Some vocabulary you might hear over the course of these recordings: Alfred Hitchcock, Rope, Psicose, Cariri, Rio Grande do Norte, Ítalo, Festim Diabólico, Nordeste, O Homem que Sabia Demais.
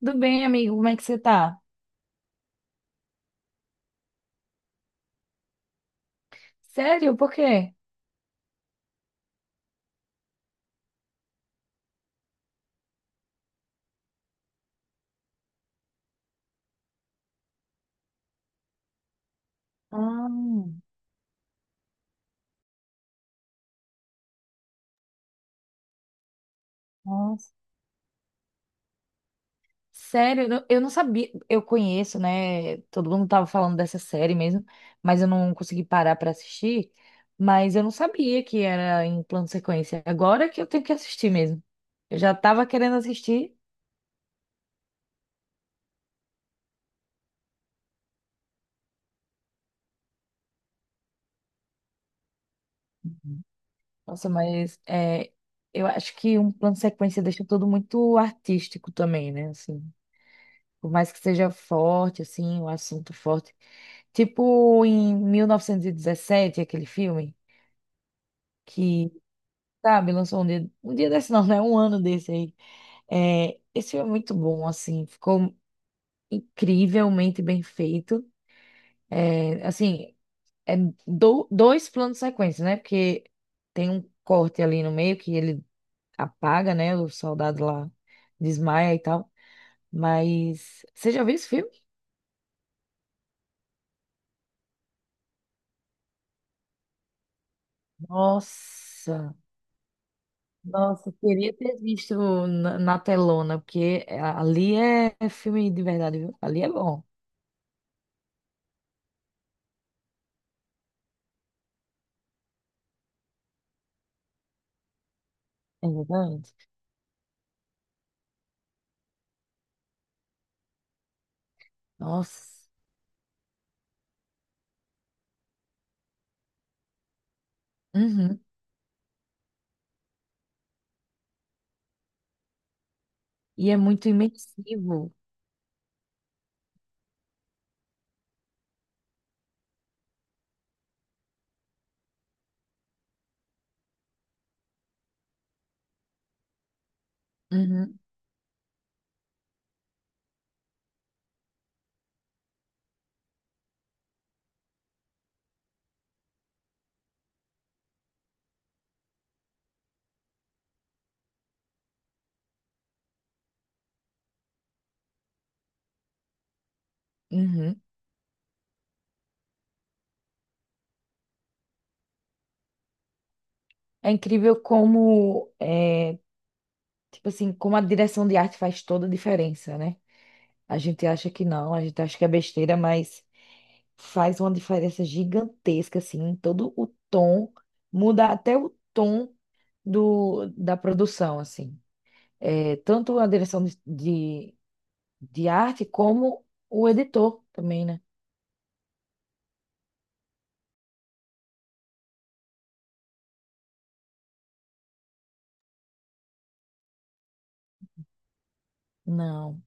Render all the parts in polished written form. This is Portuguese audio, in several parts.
Tudo bem, amigo? Como é que você tá? Sério? Por quê? Ah, nossa. Sério? Eu não sabia. Eu conheço, né? Todo mundo tava falando dessa série mesmo, mas eu não consegui parar pra assistir. Mas eu não sabia que era em plano sequência. Agora que eu tenho que assistir mesmo. Eu já tava querendo assistir. Nossa, mas é, eu acho que um plano sequência deixa tudo muito artístico também, né? Assim. Por mais que seja forte, assim, um assunto forte. Tipo em 1917 aquele filme que, sabe, lançou um dia desse não, né? Um ano desse aí. É, esse filme é muito bom, assim, ficou incrivelmente bem feito. É, assim, é dois planos de sequência, né? Porque tem um corte ali no meio que ele apaga, né? O soldado lá desmaia e tal. Mas você já viu esse filme? Nossa! Nossa, eu queria ter visto na telona, porque ali é filme de verdade, viu? Ali é bom, exatamente. Nossa, uhum. E é muito imersivo. Uhum, uhum. É incrível como, é, tipo assim, como a direção de arte faz toda a diferença, né? A gente acha que não, a gente acha que é besteira, mas faz uma diferença gigantesca, assim, em todo o tom, muda até o tom da produção, assim. É, tanto a direção de arte como o editor também, né? Não.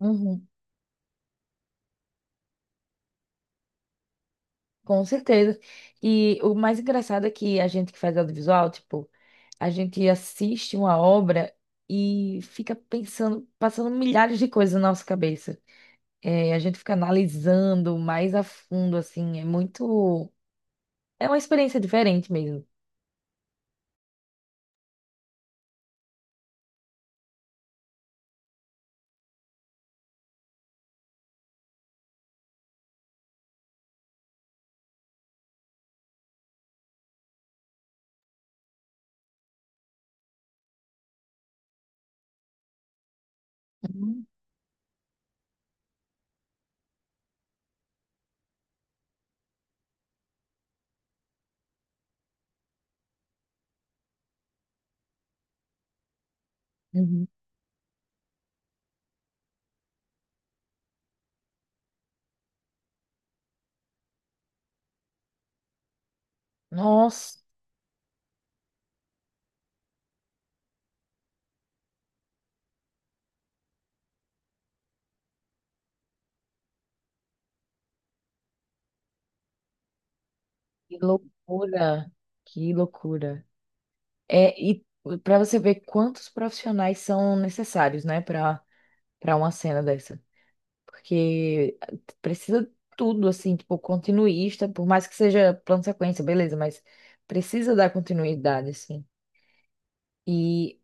Uhum. Com certeza. E o mais engraçado é que a gente que faz audiovisual, tipo, a gente assiste uma obra e fica pensando, passando milhares de coisas na nossa cabeça. É, a gente fica analisando mais a fundo, assim, é muito. É uma experiência diferente mesmo. Uhum. Uhum. Nossa, que loucura! Que loucura! É, e para você ver quantos profissionais são necessários, né, para uma cena dessa. Porque eh, precisa tudo, assim, tipo, continuista, por mais que seja plano sequência, beleza, mas precisa dar continuidade, assim. E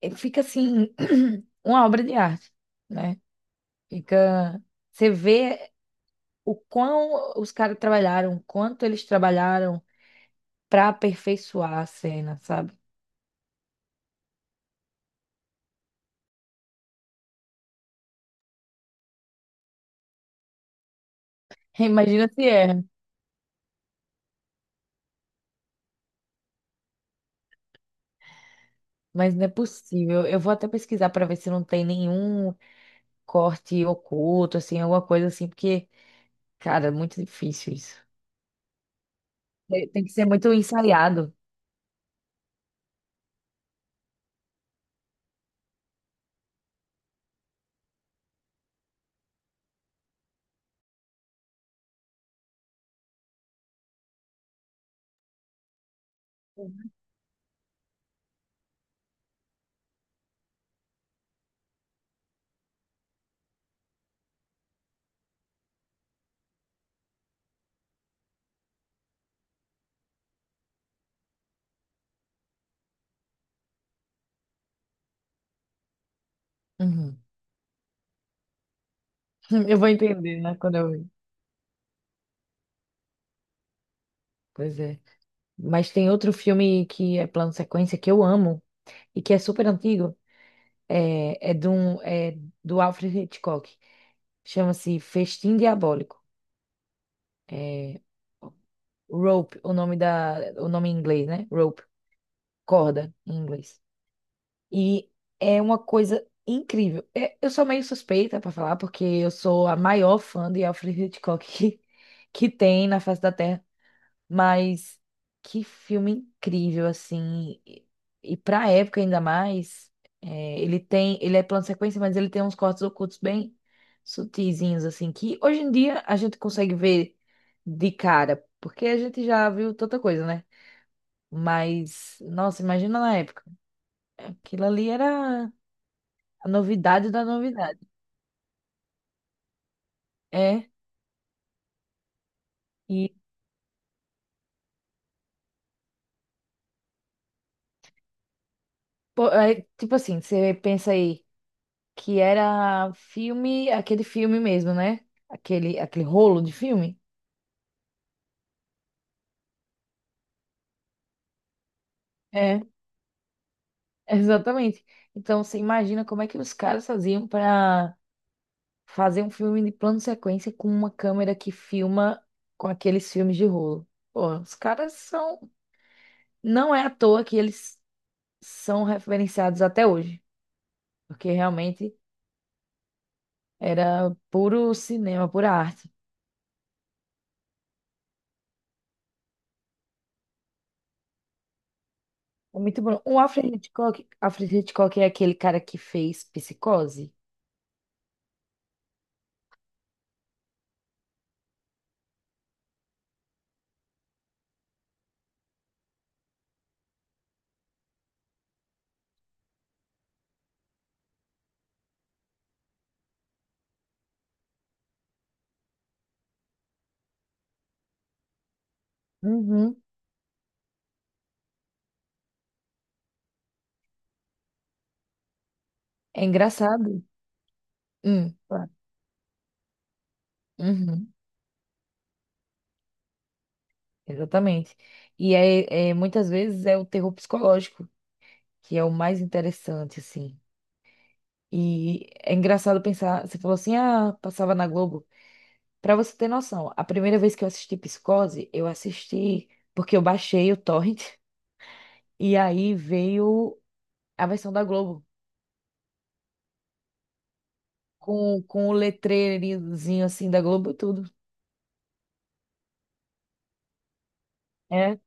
eh, fica, assim, uma obra de arte, né? Fica. Você vê o quão os caras trabalharam, quanto eles trabalharam para aperfeiçoar a cena, sabe? Imagina se é. Mas não é possível. Eu vou até pesquisar para ver se não tem nenhum corte oculto, assim, alguma coisa assim, porque, cara, é muito difícil isso. Tem que ser muito ensaiado. Uhum. Eu vou entender, né, quando eu... ver. Pois é. Mas tem outro filme que é plano sequência que eu amo e que é super antigo. É do Alfred Hitchcock. Chama-se Festim Diabólico. É, Rope, o nome o nome em inglês, né? Rope, corda em inglês. E é uma coisa incrível. É, eu sou meio suspeita para falar, porque eu sou a maior fã de Alfred Hitchcock que, que tem na face da Terra. Mas que filme incrível, assim. E pra época ainda mais, é, ele tem. Ele é plano sequência, mas ele tem uns cortes ocultos bem sutizinhos, assim, que hoje em dia a gente consegue ver de cara, porque a gente já viu tanta coisa, né? Mas, nossa, imagina na época. Aquilo ali era. A novidade da novidade. É. E, pô, é, tipo assim, você pensa aí que era filme, aquele filme mesmo, né? Aquele rolo de filme. É, exatamente. Então você imagina como é que os caras faziam para fazer um filme de plano sequência com uma câmera que filma com aqueles filmes de rolo. Pô, os caras são. Não é à toa que eles são referenciados até hoje. Porque realmente era puro cinema, pura arte. É muito bom. O Alfred Hitchcock, Alfred Hitchcock é aquele cara que fez Psicose. Uhum. É engraçado. Claro. Uhum, exatamente. E é, é, muitas vezes é o terror psicológico que é o mais interessante, assim. E é engraçado pensar, você falou assim, ah, passava na Globo. Pra você ter noção, a primeira vez que eu assisti Psicose, eu assisti porque eu baixei o torrent e aí veio a versão da Globo com o letreirinhozinho assim da Globo e tudo. É,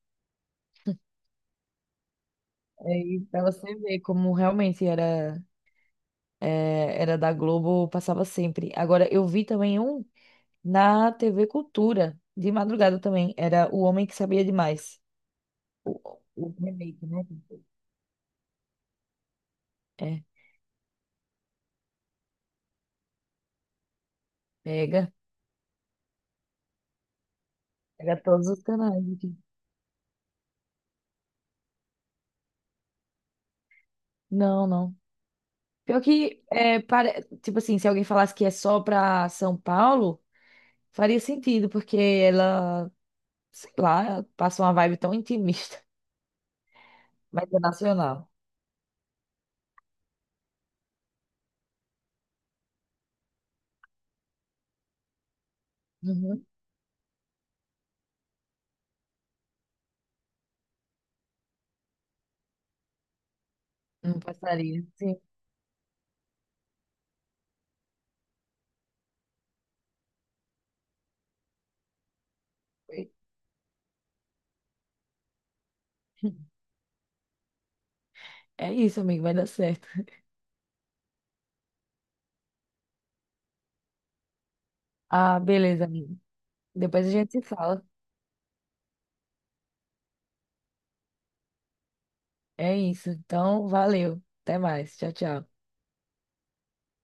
aí pra você ver como realmente era, é, era da Globo, passava sempre. Agora, eu vi também um na TV Cultura, de madrugada também, era O Homem que Sabia Demais. O remake, né? É, pega, pega todos os canais aqui. Não, não. Pior que, é, tipo assim, se alguém falasse que é só pra São Paulo, faria sentido, porque ela, sei lá, passa uma vibe tão intimista, mas é nacional. Uhum. Não passaria. Sim. Foi. É isso, amigo, vai dar certo. Ah, beleza, amigo. Depois a gente se fala. É isso. Então, valeu. Até mais. Tchau, tchau.